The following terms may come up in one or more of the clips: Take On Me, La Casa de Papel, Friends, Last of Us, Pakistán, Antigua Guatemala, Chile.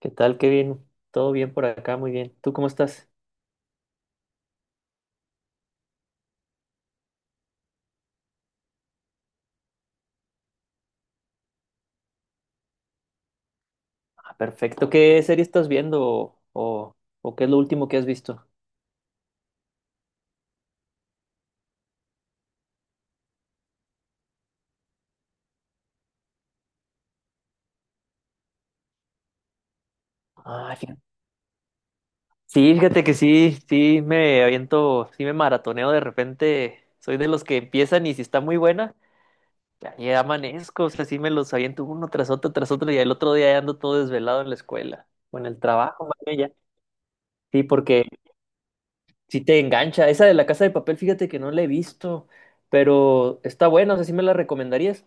¿Qué tal, Kevin? ¿Todo bien por acá? Muy bien. ¿Tú cómo estás? Ah, perfecto. ¿Qué serie estás viendo o qué es lo último que has visto? Ah, fíjate. Sí, fíjate que sí, sí me aviento, sí me maratoneo de repente. Soy de los que empiezan y si está muy buena, ya amanezco, o sea, sí me los aviento uno tras otro, tras otro, y el otro día ya ando todo desvelado en la escuela o en el trabajo, más bien ya. Sí, porque sí te engancha. Esa de La Casa de Papel, fíjate que no la he visto, pero está buena, o sea, sí me la recomendarías.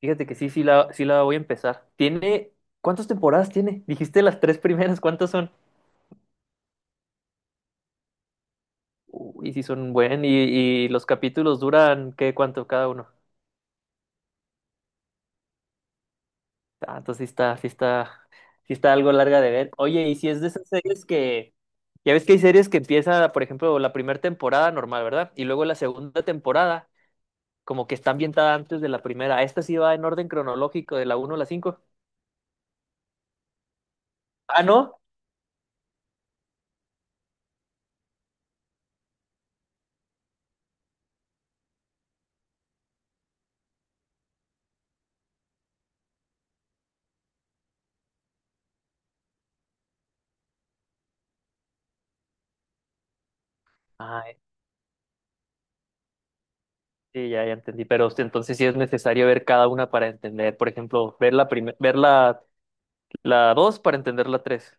Fíjate que sí, sí la voy a empezar. Tiene, ¿cuántas temporadas tiene? Dijiste las tres primeras, ¿cuántas son? Uy, sí son buen, y los capítulos duran, ¿qué, cuánto cada uno? Ah, entonces sí está algo larga de ver. Oye, y si es de esas series que, ya ves que hay series que empieza, por ejemplo, la primera temporada normal, ¿verdad? Y luego la segunda temporada, como que está ambientada antes de la primera. Esta sí va en orden cronológico, de la uno a la 5. Ah, ¿no? Ah, sí, ya entendí, pero este, entonces sí es necesario ver cada una para entender, por ejemplo, ver la, la dos para entender la tres.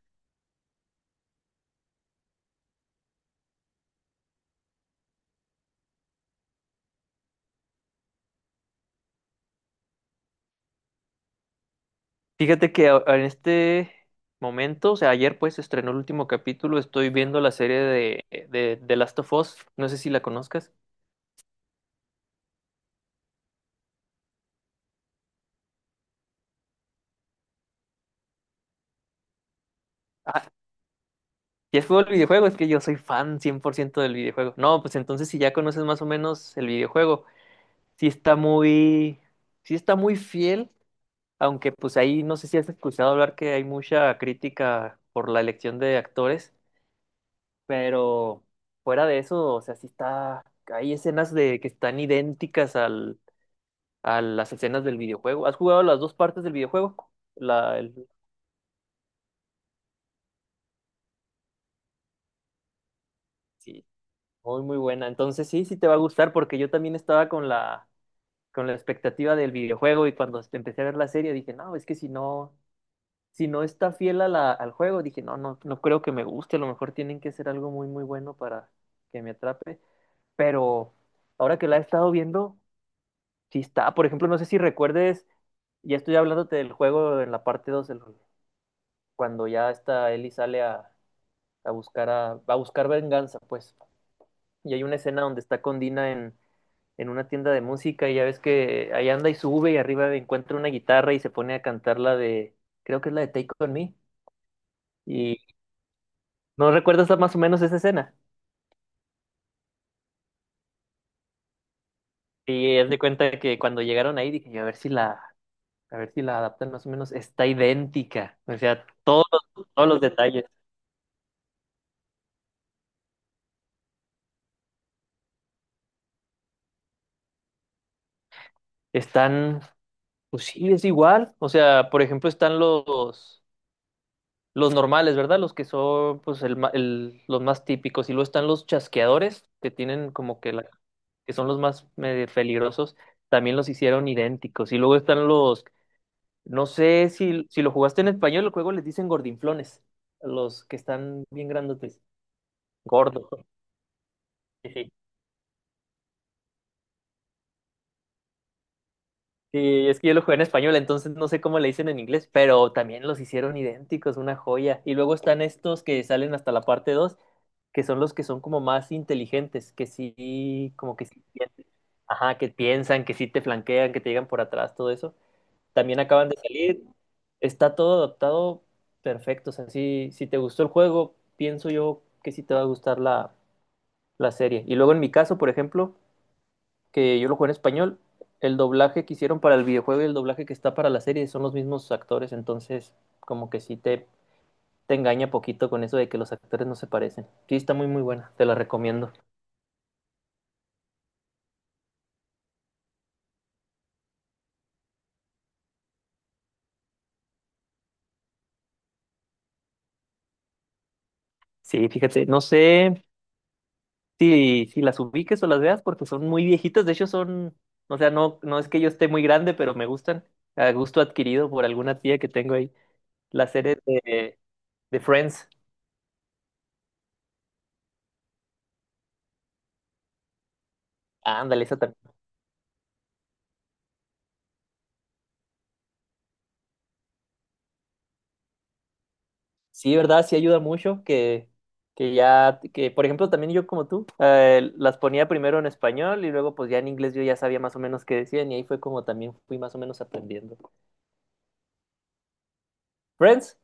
Fíjate que en este momento, o sea, ayer pues se estrenó el último capítulo, estoy viendo la serie de Last of Us, no sé si la conozcas. Ah, ya fue el videojuego, es que yo soy fan 100% del videojuego. No, pues entonces si ya conoces más o menos el videojuego, sí está muy, sí está muy fiel. Aunque pues ahí no sé si has escuchado hablar que hay mucha crítica por la elección de actores, pero fuera de eso, o sea, sí está, hay escenas de que están idénticas al, a las escenas del videojuego. ¿Has jugado las dos partes del videojuego? La, el- sí, muy muy buena. Entonces sí, sí te va a gustar porque yo también estaba con la expectativa del videojuego, y cuando empecé a ver la serie dije, no, es que si no está fiel a la, al juego, dije, no, no, no creo que me guste, a lo mejor tienen que ser algo muy, muy bueno para que me atrape, pero ahora que la he estado viendo, sí está, por ejemplo, no sé si recuerdes, ya estoy hablándote del juego en la parte 2 cuando ya está Ellie sale a buscar a, va a buscar venganza, pues, y hay una escena donde está con Dina en una tienda de música, y ya ves que ahí anda y sube y arriba encuentra una guitarra y se pone a cantar la de, creo que es la de Take On Me. ¿No recuerdas más o menos esa escena? Y haz de cuenta que cuando llegaron ahí dije, yo, a ver si la adaptan más o menos, está idéntica. O sea, todos, todos los detalles están, pues sí, es igual. O sea, por ejemplo, están los normales, ¿verdad? Los que son, pues, los más típicos. Y luego están los chasqueadores, que tienen como que la, que son los más medio peligrosos. También los hicieron idénticos. Y luego están los, no sé si, si lo jugaste en español, el juego les dicen gordinflones, a los que están bien grandotes, gordos. Sí, sí. Sí, es que yo lo jugué en español, entonces no sé cómo le dicen en inglés, pero también los hicieron idénticos, una joya. Y luego están estos que salen hasta la parte dos, que son los que son como más inteligentes, que sí, como que sí, piensan. Ajá, que piensan, que sí te flanquean, que te llegan por atrás, todo eso. También acaban de salir. Está todo adaptado perfecto. O sea, si, si te gustó el juego, pienso yo que sí te va a gustar la serie. Y luego en mi caso, por ejemplo, que yo lo juego en español, el doblaje que hicieron para el videojuego y el doblaje que está para la serie son los mismos actores. Entonces, como que sí te engaña poquito con eso de que los actores no se parecen. Sí, está muy, muy buena. Te la recomiendo. Sí, fíjate, no sé. Sí, si las ubiques o las veas porque son muy viejitas, de hecho son, o sea, no, no es que yo esté muy grande, pero me gustan, a gusto adquirido por alguna tía que tengo ahí, la serie de Friends, ándale, esa también. Sí, ¿verdad? Sí ayuda mucho que ya, que por ejemplo también yo como tú, las ponía primero en español y luego pues ya en inglés yo ya sabía más o menos qué decían, y ahí fue como también fui más o menos aprendiendo. Friends,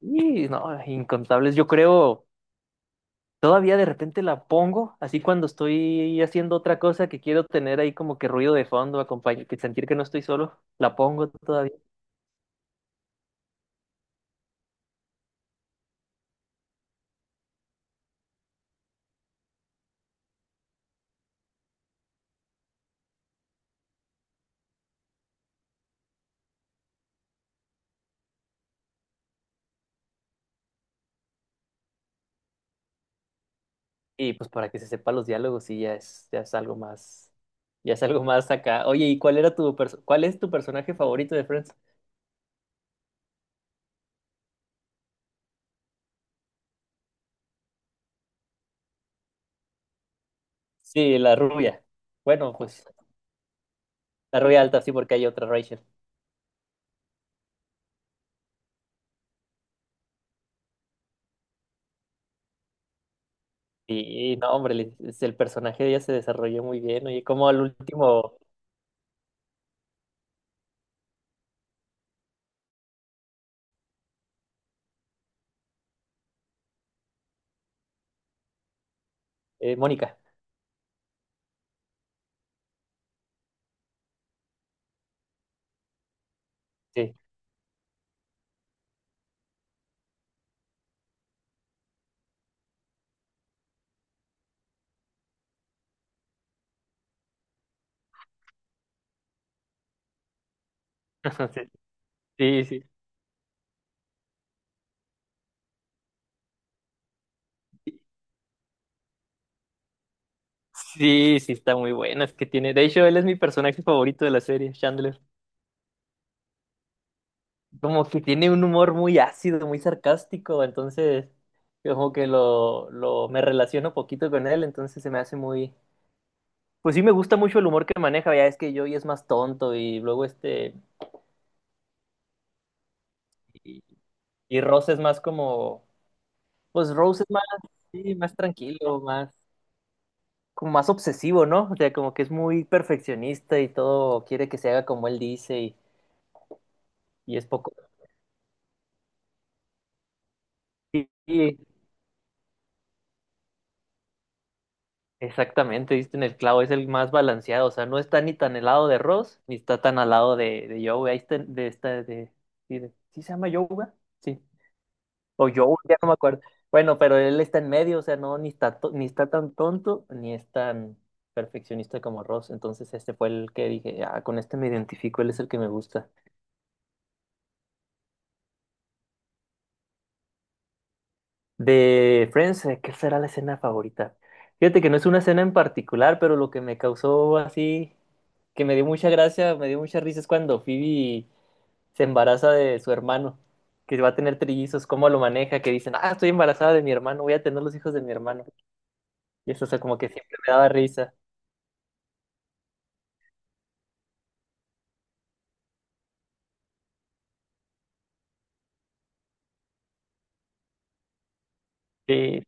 y no, incontables, yo creo. Todavía de repente la pongo, así cuando estoy haciendo otra cosa que quiero tener ahí como que ruido de fondo, acompañe, que sentir que no estoy solo, la pongo todavía. Y pues para que se sepa los diálogos, sí, ya es algo más, ya es algo más acá. Oye, ¿y cuál es tu personaje favorito de Friends? Sí, la rubia. Bueno, pues la rubia alta, sí, porque hay otra Rachel. Y no, hombre, es el personaje de ella se desarrolló muy bien. Oye, como al último, Mónica. Sí. Sí, sí, sí, sí, está muy buena. Es que tiene. De hecho, él es mi personaje favorito de la serie, Chandler. Como que tiene un humor muy ácido, muy sarcástico. Entonces, yo como que lo me relaciono poquito con él. Entonces se me hace muy. Pues sí, me gusta mucho el humor que maneja. Ya es que Joey es más tonto y luego este. Y, y Rose es más como. Pues Rose es más, sí, más tranquilo, más. Como más obsesivo, ¿no? O sea, como que es muy perfeccionista y todo quiere que se haga como él dice y es poco. Sí, exactamente, diste en el clavo, es el más balanceado, o sea, no está ni tan helado de Ross, ni está tan al lado de Joey, ahí está, sí, ¿sí se llama Yoga? Sí, o Joey, ya no me acuerdo. Bueno, pero él está en medio, o sea, no, ni está tan tonto, ni es tan perfeccionista como Ross, entonces este fue el que dije, ah, con este me identifico, él es el que me gusta. De Friends, ¿qué será la escena favorita? Fíjate que no es una escena en particular, pero lo que me causó así, que me dio mucha gracia, me dio mucha risa es cuando Phoebe se embaraza de su hermano, que va a tener trillizos, cómo lo maneja, que dicen, ah, estoy embarazada de mi hermano, voy a tener los hijos de mi hermano. Y eso, o sea, como que siempre me daba risa. Sí,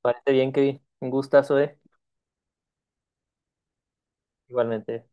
parece bien, que un gustazo, ¿eh? Igualmente.